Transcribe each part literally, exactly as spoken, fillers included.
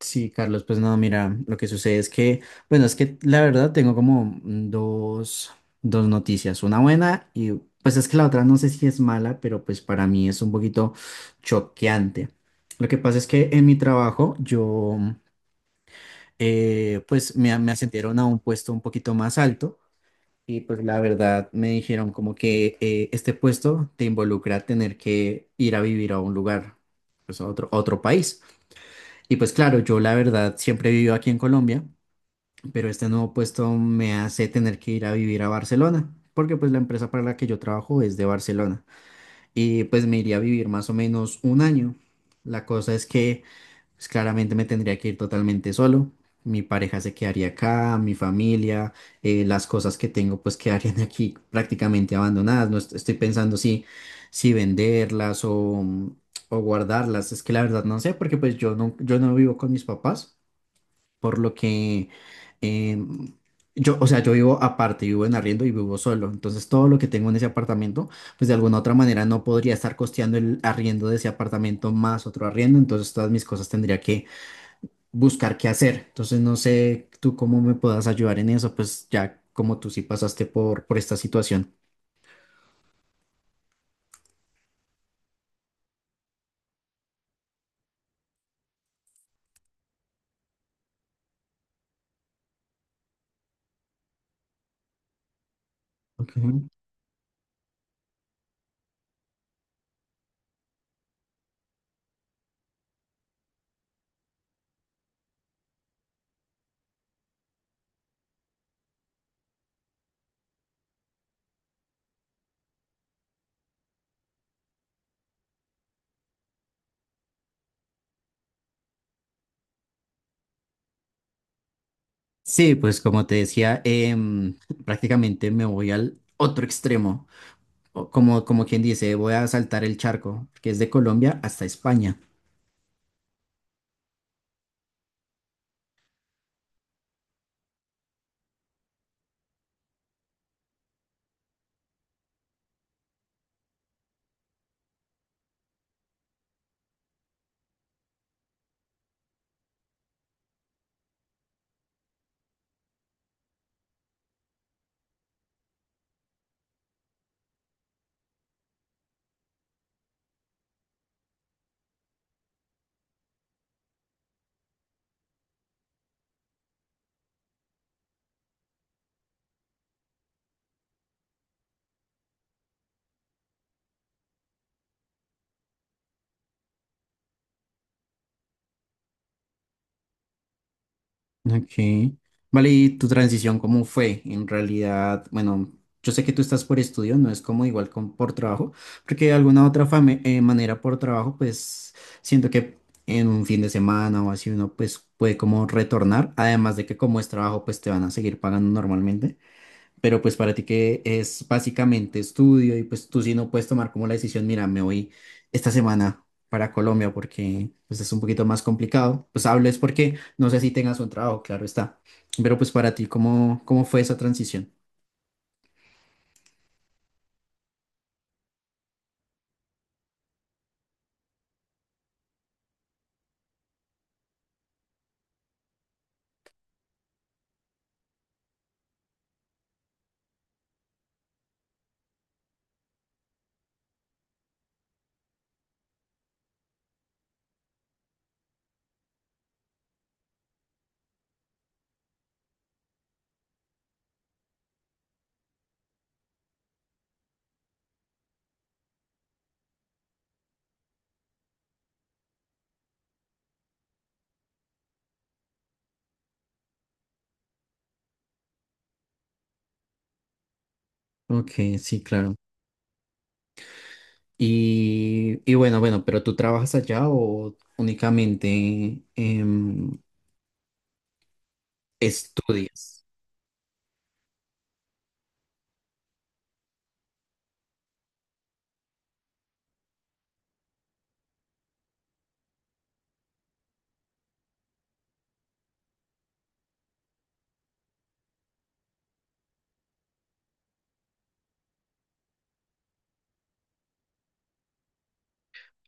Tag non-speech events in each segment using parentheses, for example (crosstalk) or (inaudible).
Sí, Carlos, pues no, mira, lo que sucede es que, bueno, es que la verdad tengo como dos, dos noticias, una buena y pues es que la otra no sé si es mala, pero pues para mí es un poquito choqueante. Lo que pasa es que en mi trabajo yo, eh, pues me, me ascendieron a un puesto un poquito más alto y pues la verdad me dijeron como que eh, este puesto te involucra tener que ir a vivir a un lugar, pues a otro, a otro país. Y pues claro, yo la verdad siempre he vivido aquí en Colombia, pero este nuevo puesto me hace tener que ir a vivir a Barcelona, porque pues la empresa para la que yo trabajo es de Barcelona. Y pues me iría a vivir más o menos un año. La cosa es que pues claramente me tendría que ir totalmente solo. Mi pareja se quedaría acá, mi familia, eh, las cosas que tengo pues quedarían (laughs) aquí prácticamente abandonadas. No est- estoy pensando si, si venderlas o, o guardarlas. Es que la verdad no sé, porque pues yo no, yo no vivo con mis papás, por lo que em, yo, o sea, yo vivo aparte, vivo en arriendo y vivo solo. Entonces todo lo que tengo en ese apartamento pues de alguna otra manera no podría estar costeando el arriendo de ese apartamento más otro arriendo, entonces todas mis cosas tendría que buscar qué hacer. Entonces no sé tú cómo me puedas ayudar en eso, pues ya como tú sí pasaste por, por esta situación. Ok. Sí, pues como te decía, em, (laughs) prácticamente me voy al otro extremo, o como, como quien dice, voy a saltar el charco, que es de Colombia hasta España. Ok. Vale, ¿y tu transición cómo fue? En realidad, bueno, yo sé que tú estás por estudio, no es como igual con, por trabajo, porque de alguna otra fame- eh, manera por trabajo, pues siento que en un fin de semana o así uno pues puede como retornar, además de que como es trabajo, pues te van a seguir pagando normalmente, pero pues para ti que es básicamente estudio y pues tú sí no puedes tomar como la decisión, mira, me voy esta semana para Colombia porque pues es un poquito más complicado. Pues hablo es porque no sé si tengas un trabajo, claro está. Pero pues para ti, ¿cómo, cómo fue esa transición? Ok, sí, claro. Y, y bueno, bueno, pero ¿tú trabajas allá o únicamente em, estudias?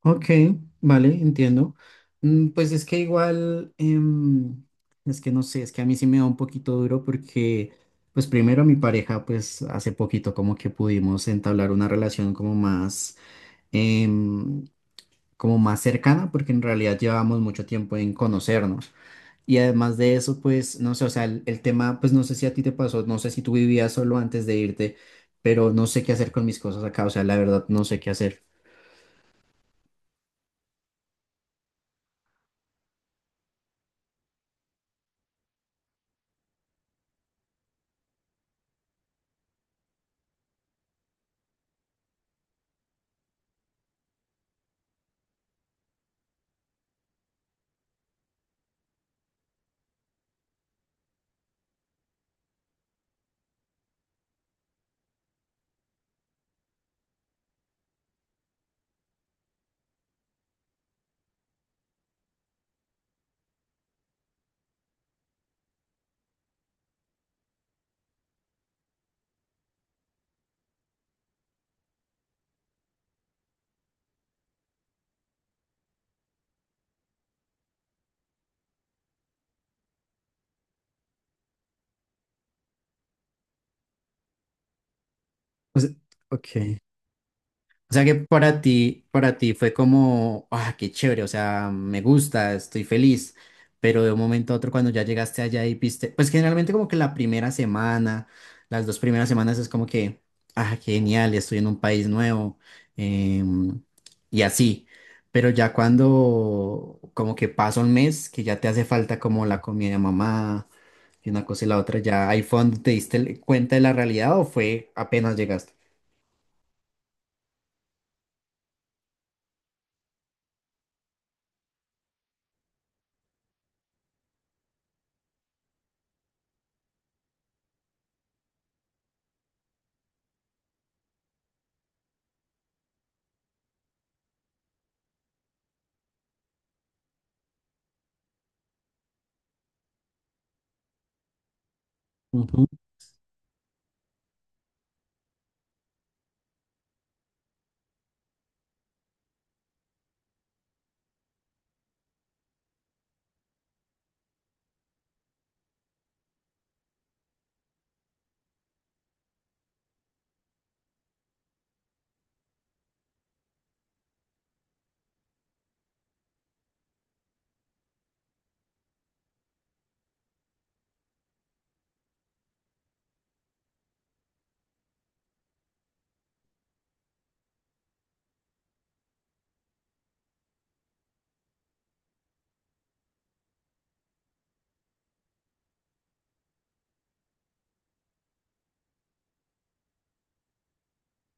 Ok, vale, entiendo. Mm, pues es que igual, em, es que no sé, es que a mí sí me da un poquito duro porque, pues primero mi pareja, pues hace poquito como que pudimos entablar una relación como más, em, como más cercana, porque en realidad llevamos mucho tiempo en conocernos. Y además de eso, pues, no sé, o sea, el, el tema, pues no sé si a ti te pasó, no sé si tú vivías solo antes de irte, pero no sé qué hacer con mis cosas acá, o sea, la verdad no sé qué hacer. O sea, ok. O sea que para ti, para ti fue como, ah, qué chévere, o sea, me gusta, estoy feliz, pero de un momento a otro cuando ya llegaste allá y viste, pues generalmente como que la primera semana, las dos primeras semanas es como que, ah, qué genial, estoy en un país nuevo, em, y así, pero ya cuando como que pasa un mes, que ya te hace falta como la comida de mamá y una cosa y la otra, ya ahí fue donde te diste cuenta de la realidad o fue apenas llegaste. Ujú,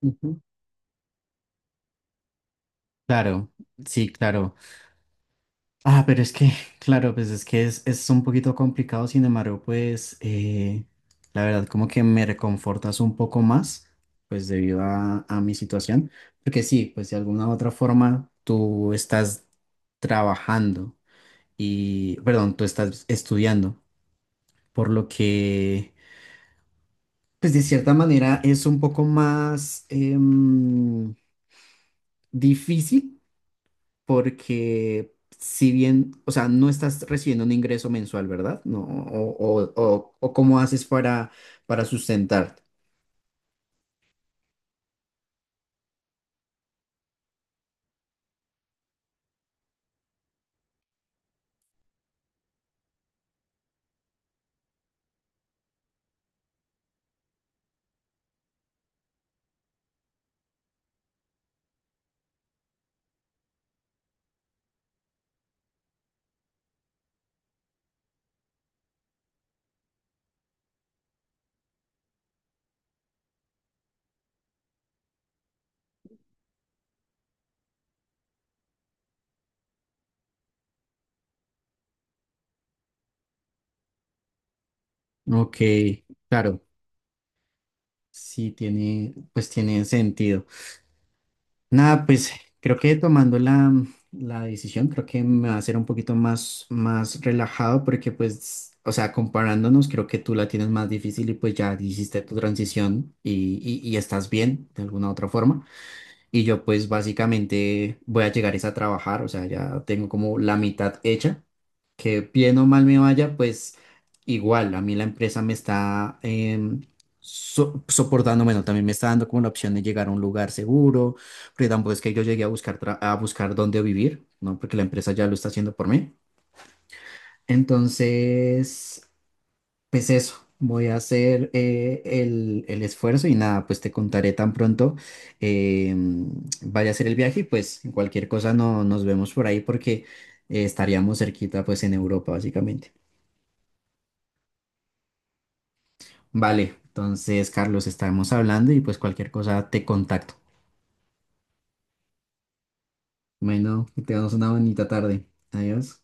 ujú. Claro, sí, claro. Ah, pero es que, (laughs) claro, pues es que es, es un poquito complicado, sin embargo, pues eh, la verdad como que me reconfortas un poco más, pues debido a, a mi situación, porque sí, pues de alguna u otra forma tú estás trabajando y, perdón, tú estás estudiando, por lo que, pues de cierta manera es un poco más em, difícil porque si bien, o sea, no estás recibiendo un ingreso mensual, ¿verdad? No, o, o, o, o cómo haces para, para sustentarte. Ok, claro, sí tiene, pues tiene sentido. Nada, pues creo que tomando la, la decisión, creo que me va a hacer un poquito más, más relajado porque pues, o sea, comparándonos, creo que tú la tienes más difícil y pues ya hiciste tu transición y, y, y estás bien de alguna otra forma. Y yo pues básicamente voy a llegar es a trabajar, o sea, ya tengo como la mitad hecha, que bien o mal me vaya, pues igual, a mí la empresa me está em, so- soportando, bueno, también me está dando como la opción de llegar a un lugar seguro, porque tampoco es que yo llegué a buscar, tra- a buscar dónde vivir, ¿no? Porque la empresa ya lo está haciendo por mí. Entonces, pues eso, voy a hacer eh, el, el esfuerzo y nada, pues te contaré tan pronto eh, vaya a hacer el viaje y pues cualquier cosa no, nos vemos por ahí porque eh, estaríamos cerquita pues en Europa básicamente. Vale, entonces Carlos, estamos hablando y pues cualquier cosa te contacto. Bueno, que tengamos una bonita tarde. Adiós.